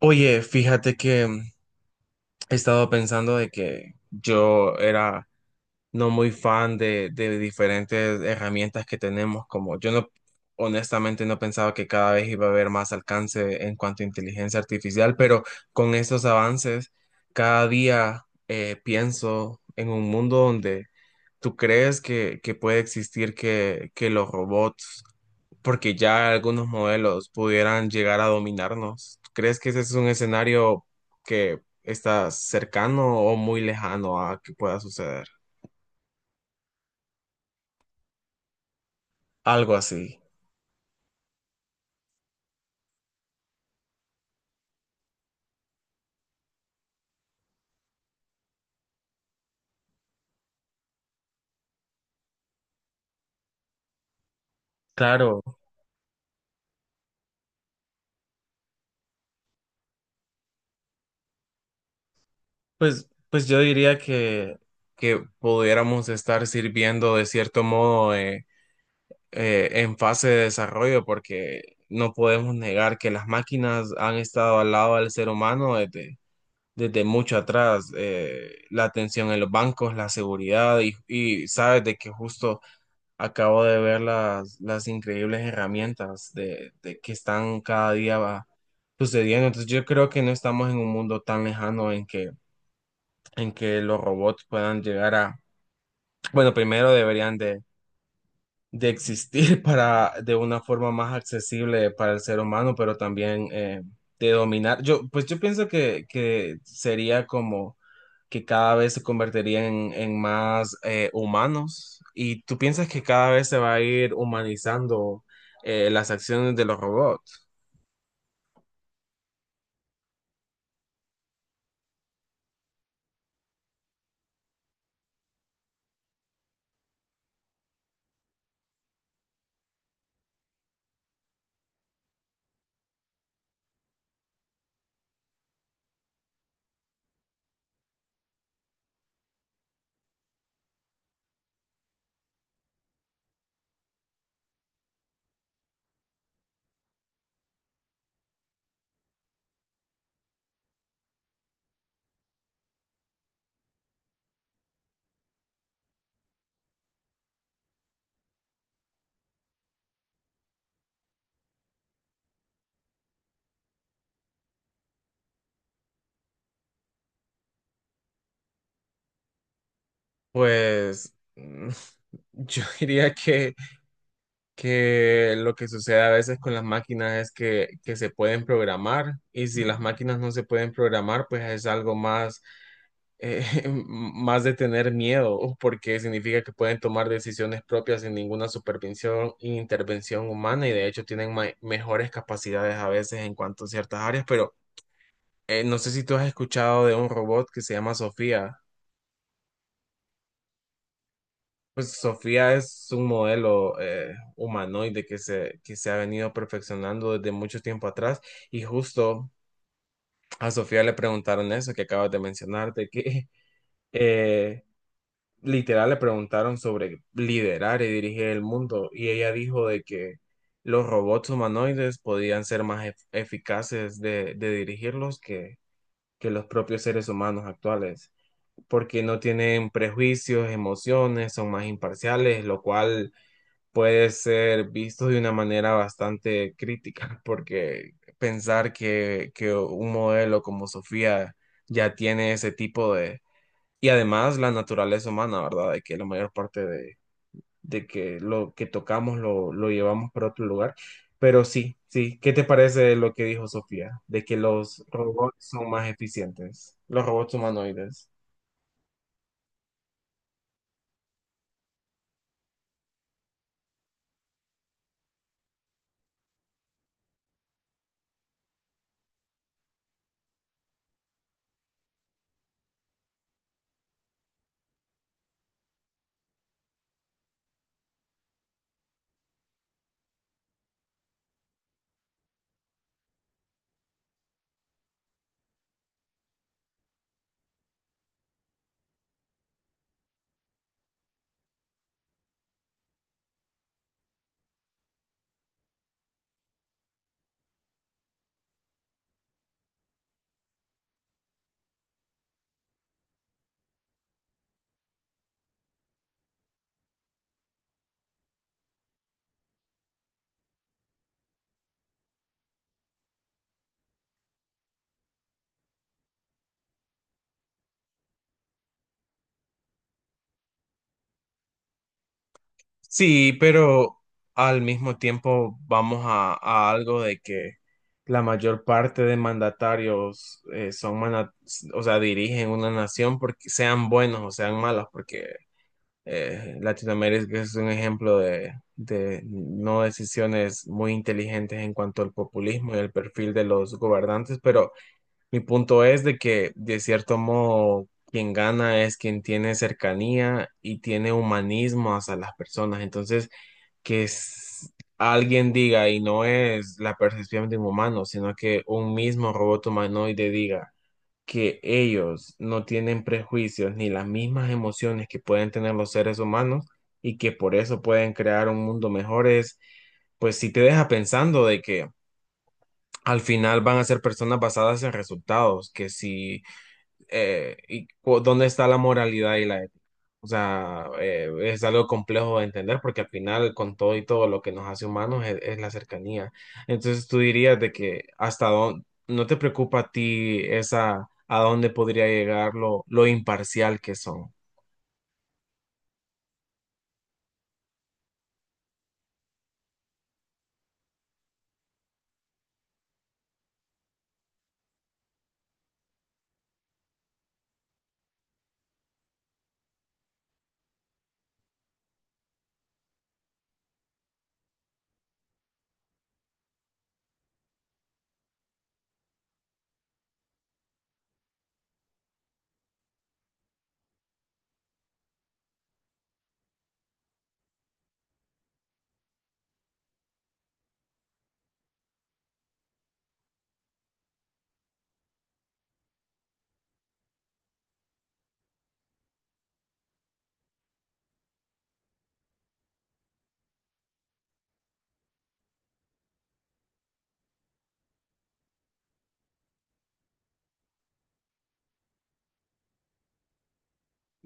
Oye, fíjate que he estado pensando de que yo era no muy fan de diferentes herramientas que tenemos, como yo no, honestamente no pensaba que cada vez iba a haber más alcance en cuanto a inteligencia artificial, pero con estos avances, cada día pienso en un mundo donde... ¿Tú crees que puede existir que los robots, porque ya algunos modelos pudieran llegar a dominarnos? ¿Tú crees que ese es un escenario que está cercano o muy lejano a que pueda suceder? Algo así. Claro. Pues yo diría que pudiéramos estar sirviendo de cierto modo en fase de desarrollo, porque no podemos negar que las máquinas han estado al lado del ser humano desde desde mucho atrás, la atención en los bancos, la seguridad y sabes de que justo acabo de ver las increíbles herramientas de que están cada día sucediendo. Entonces yo creo que no estamos en un mundo tan lejano en en que los robots puedan llegar a, bueno, primero deberían de existir para, de una forma más accesible para el ser humano, pero también de dominar. Pues yo pienso que sería como que cada vez se convertirían en más humanos. ¿Y tú piensas que cada vez se va a ir humanizando las acciones de los robots? Pues yo diría que lo que sucede a veces con las máquinas es que se pueden programar y si las máquinas no se pueden programar, pues es algo más, eh, más de tener miedo, porque significa que pueden tomar decisiones propias sin ninguna supervisión e intervención humana y de hecho tienen mejores capacidades a veces en cuanto a ciertas áreas, pero no sé si tú has escuchado de un robot que se llama Sofía. Pues Sofía es un modelo humanoide que que se ha venido perfeccionando desde mucho tiempo atrás y justo a Sofía le preguntaron eso que acabas de mencionar, de que eh, literal le preguntaron sobre liderar y dirigir el mundo y ella dijo de que los robots humanoides podían ser más eficaces de dirigirlos que los propios seres humanos actuales, porque no tienen prejuicios, emociones, son más imparciales, lo cual puede ser visto de una manera bastante crítica, porque pensar que un modelo como Sofía ya tiene ese tipo de... Y además la naturaleza humana, ¿verdad? De que la mayor parte de que lo que tocamos lo llevamos para otro lugar. Pero sí, sí. ¿Qué te parece lo que dijo Sofía? De que los robots son más eficientes, los robots humanoides. Sí, pero al mismo tiempo vamos a algo de que la mayor parte de mandatarios o sea, dirigen una nación porque sean buenos o sean malos, porque Latinoamérica es un ejemplo de no decisiones muy inteligentes en cuanto al populismo y el perfil de los gobernantes, pero mi punto es de que de cierto modo quien gana es quien tiene cercanía y tiene humanismo hacia las personas, entonces que s- alguien diga, y no es la percepción de un humano, sino que un mismo robot humanoide diga que ellos no tienen prejuicios ni las mismas emociones que pueden tener los seres humanos y que por eso pueden crear un mundo mejor es, pues si te deja pensando de que al final van a ser personas basadas en resultados, que si y cu- dónde está la moralidad y la ética. O sea, es algo complejo de entender porque al final con todo y todo lo que nos hace humanos es la cercanía. Entonces tú dirías de que hasta dónde, no te preocupa a ti esa, a dónde podría llegar lo imparcial que son.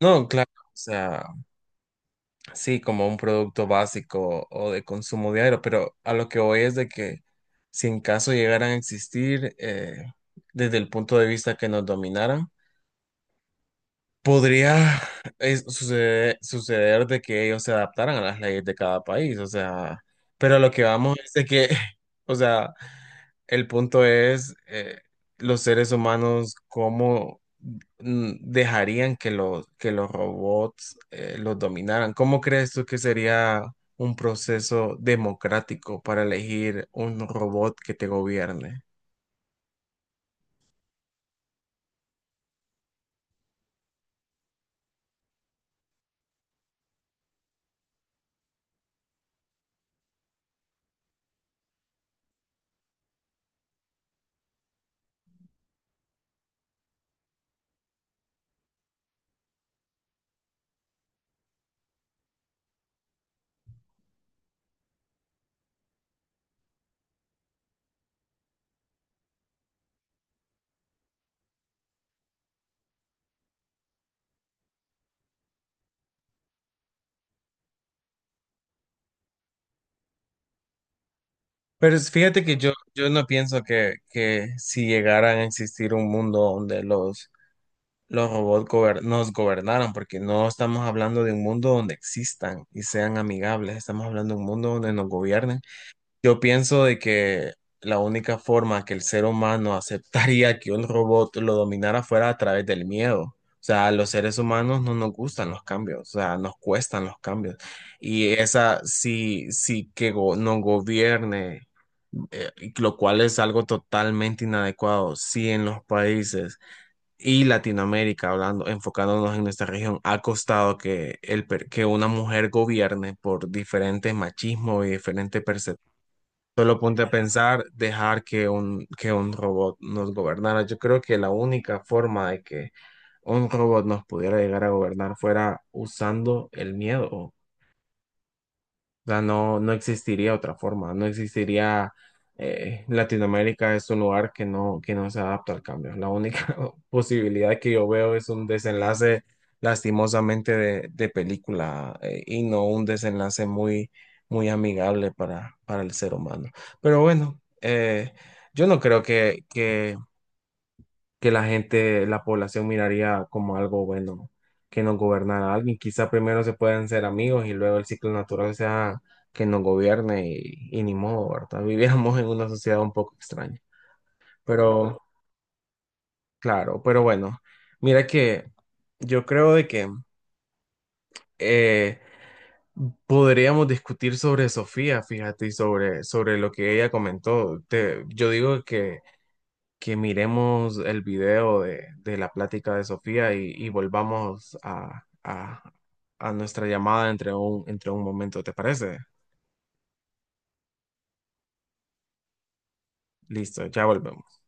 No, claro. O sea, sí, como un producto básico o de consumo diario, pero a lo que voy es de que si en caso llegaran a existir, desde el punto de vista que nos dominaran, podría suceder, de que ellos se adaptaran a las leyes de cada país, o sea, pero lo que vamos es de que, o sea, el punto es los seres humanos cómo dejarían que los robots los dominaran. ¿Cómo crees tú que sería un proceso democrático para elegir un robot que te gobierne? Pero fíjate que yo no pienso que si llegaran a existir un mundo donde los robots nos gobernaran, porque no estamos hablando de un mundo donde existan y sean amigables, estamos hablando de un mundo donde nos gobiernen. Yo pienso de que la única forma que el ser humano aceptaría que un robot lo dominara fuera a través del miedo. O sea, a los seres humanos no nos gustan los cambios, o sea, nos cuestan los cambios. Y esa, si que nos gobierne y lo cual es algo totalmente inadecuado. Si en los países y Latinoamérica, hablando, enfocándonos en nuestra región, ha costado que una mujer gobierne por diferentes machismo y diferentes percepciones. Solo ponte a pensar, dejar que que un robot nos gobernara. Yo creo que la única forma de que un robot nos pudiera llegar a gobernar fuera usando el miedo. O sea, no, no existiría otra forma, no existiría Latinoamérica es un lugar que no se adapta al cambio. La única posibilidad que yo veo es un desenlace lastimosamente de película y no un desenlace muy amigable para el ser humano. Pero bueno, yo no creo que que la gente, la población miraría como algo bueno, que nos gobernara alguien. Quizá primero se pueden ser amigos y luego el ciclo natural sea que nos gobierne y ni modo, ¿verdad? Vivíamos en una sociedad un poco extraña. Pero, claro, pero bueno, mira que yo creo de que eh, podríamos discutir sobre Sofía, fíjate, sobre lo que ella comentó. Yo digo que miremos el video de la plática de Sofía y volvamos a nuestra llamada entre entre un momento, ¿te parece? Listo, ya volvemos.